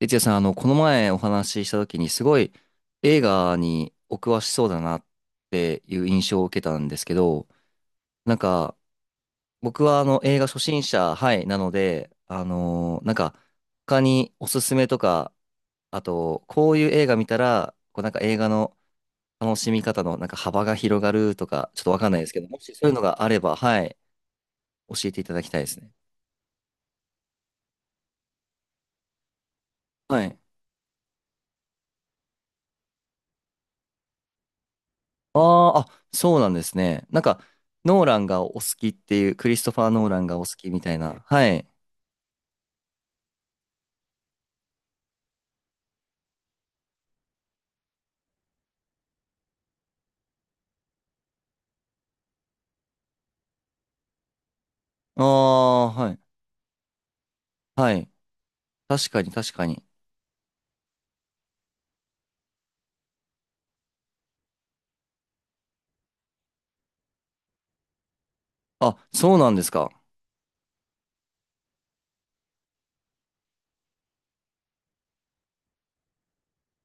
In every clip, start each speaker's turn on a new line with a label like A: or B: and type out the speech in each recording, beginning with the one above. A: 哲也さん、この前お話しした時に、すごい映画にお詳しそうだなっていう印象を受けたんですけど、なんか、僕は映画初心者、はい、なので、他におすすめとか、あと、こういう映画見たら、こう映画の楽しみ方の幅が広がるとか、ちょっとわかんないですけど、もしそういうのがあれば、はい、教えていただきたいですね。はい。あーあ、そうなんですね。なんか、ノーランがお好きっていう、クリストファー・ノーランがお好きみたいな。はい。ああ、はい。はい。確かに、確かに。あ、そうなんですか。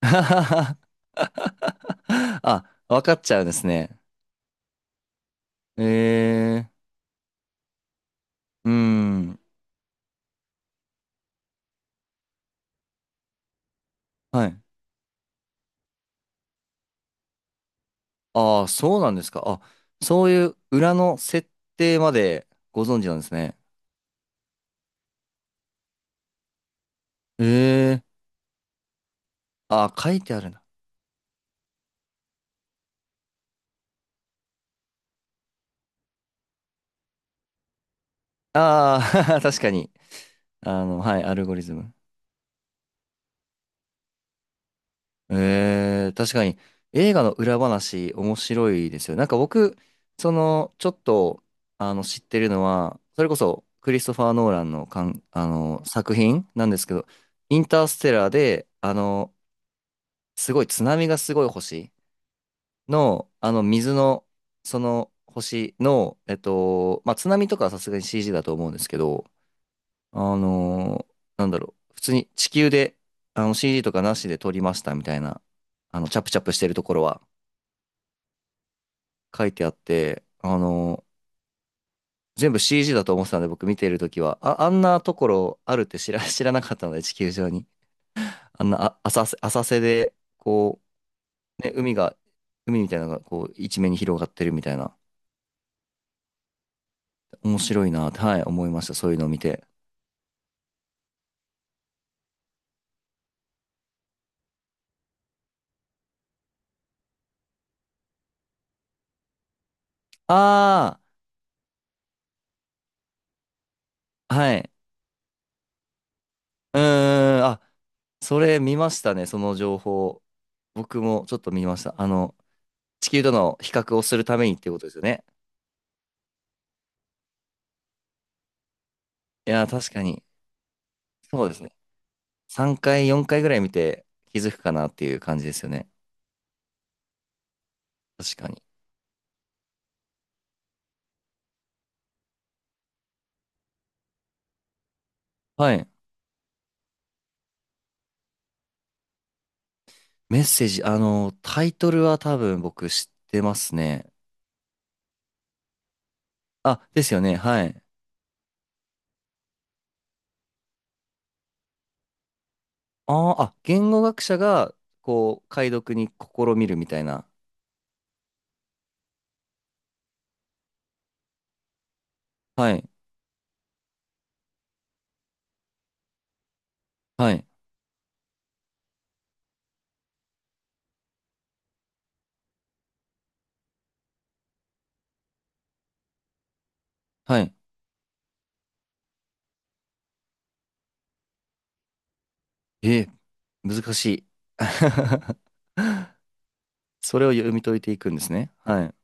A: あ、わかっちゃうんですね。ええ、うん。はい。ああ、そうなんですか。あ、そういう裏の設定までご存知なんですね。ええ、あ書いてあるな。ああ、確かに。あの、はい、アルゴリズム。えー、確かに映画の裏話面白いですよ。なんか僕、その、ちょっと、あの、知ってるのは、それこそクリストファー・ノーランのかん、あの、作品なんですけど、インターステラーで、あの、すごい津波がすごい星の、あの、水の、その星の、えっと、まあ、津波とかはさすがに CG だと思うんですけど、あのーなんだろう、普通に地球で、あの CG とかなしで撮りましたみたいな、あの、チャプチャプしてるところは書いてあって、あのー全部 CG だと思ってたんで、僕見てるときは、あ、あんなところあるって知ら、知らなかったので、地球上に。あんな、あ、浅瀬、浅瀬で、こう、ね、海が、海みたいなのが、こう、一面に広がってるみたいな。面白いなって、はい、思いました。そういうのを見て。ああ、はい。うーん、あ、それ見ましたね、その情報。僕もちょっと見ました。あの、地球との比較をするためにっていうことですよね。いやー、確かに。そうですね。3回、4回ぐらい見て気づくかなっていう感じですよね。確かに。はい。メッセージ、あの、タイトルは多分僕知ってますね。あ、ですよね。はい。あーあ、言語学者が、こう、解読に試みるみたいな。はい。はい。はい。えー、難しい。それを読み解いていくんですね。はい。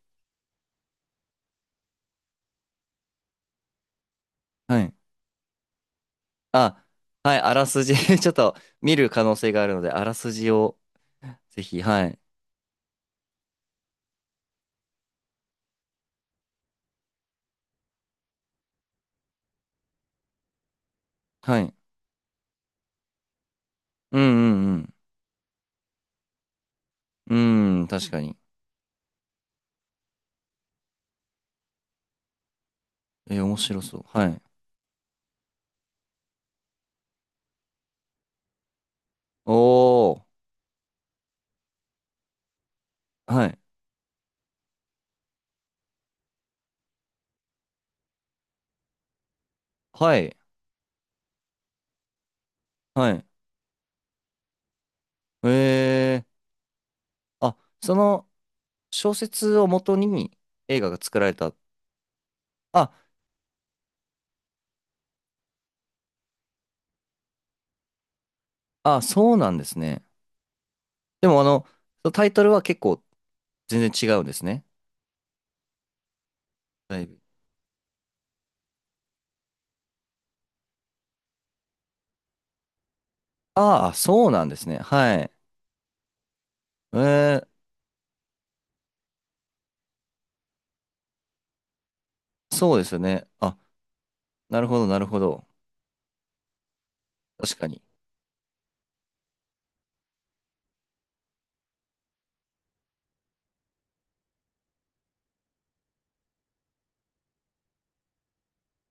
A: はい。あ、はい。あらすじ ちょっと見る可能性があるので、あらすじをぜひ。はい。はい。うんうんうん。うん、確かに。えー、面白そう。はい。おー。はい。はい。はい。えー。あ、その小説をもとに映画が作られた。あ、あ、そうなんですね。でもあの、タイトルは結構全然違うんですね。だいぶああ、そうなんですね。はい。えーそうですよね。あ、なるほど、なるほど。確かに。い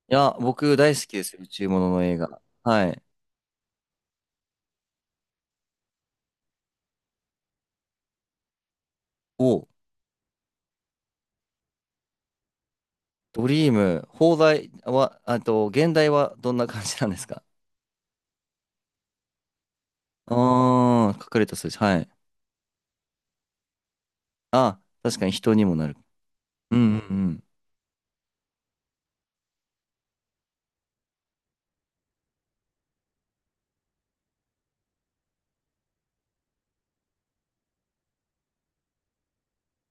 A: や、僕大好きですよ、宇宙ものの映画。はい。お、ドリーム、放題は、あと、現代はどんな感じなんですかあー、隠れた数字。はい。あ、確かに人にもなる。うんうんうん。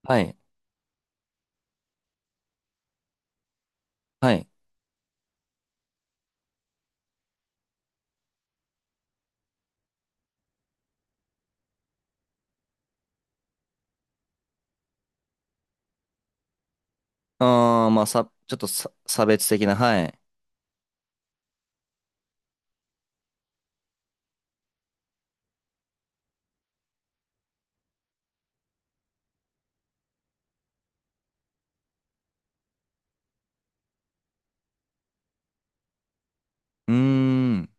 A: はい。はい。あー、まあ、さ、ちょっとさ、差別的な、はい。うーん。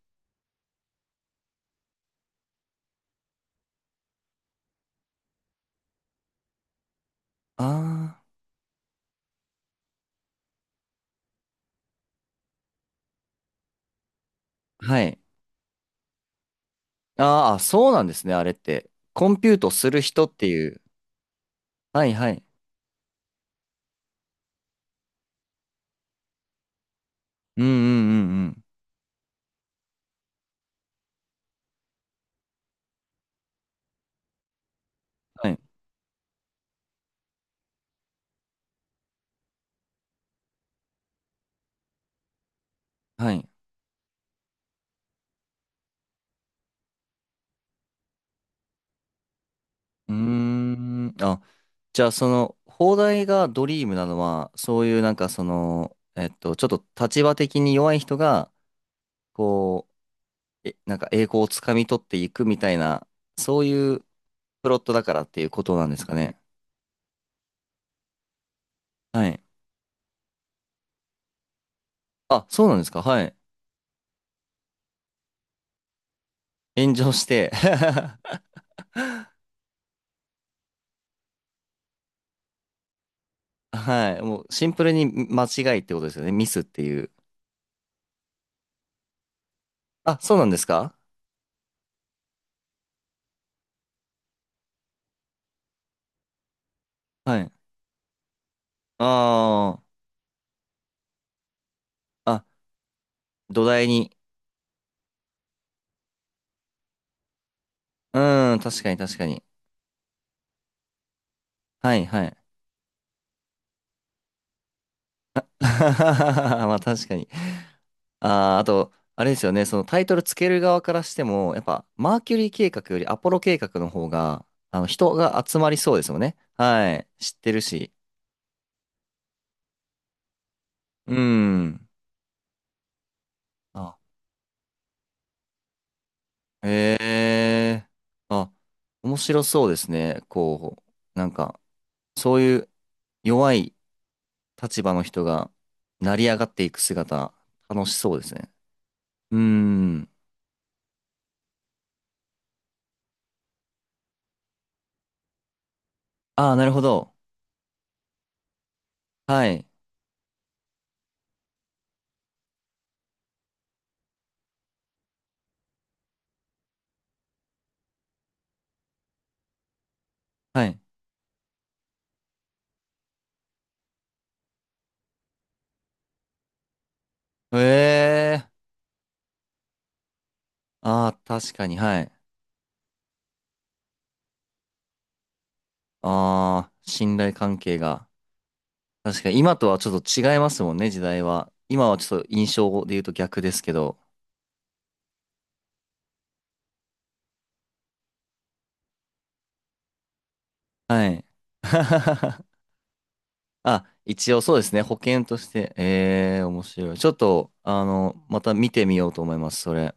A: あー、はい。あー、そうなんですね、あれって。コンピュートする人っていう。はいはい。うんうんうんうん。はい。はい。うーん。あ、じゃあその、放題がドリームなのは、そういうなんかその、えっと、ちょっと立場的に弱い人が、こう、え、なんか栄光をつかみ取っていくみたいな、そういうプロットだからっていうことなんですかね。はい。あ、そうなんですか。はい。炎上して はい。もうシンプルに間違いってことですよね。ミスっていう。あ、そうなんですかはい。ああ、あ、土台に。うーん、確かに確かに。はいはい。まあ確かに。あー、あと、あれですよね、そのタイトルつける側からしても、やっぱマーキュリー計画よりアポロ計画の方が、あの人が集まりそうですもんね。はい。知ってるし。うん。あ、へえ。あ、面白そうですね。こう、なんか、そういう弱い立場の人が成り上がっていく姿、楽しそうですね。うん。ああ、なるほど。はい。はい。へえ。ああ、確かに、はい。ああ、信頼関係が。確かに、今とはちょっと違いますもんね、時代は。今はちょっと印象で言うと逆ですけど。はい。あ、一応そうですね、保険として。ええ、面白い。ちょっと、あの、また見てみようと思います、それ。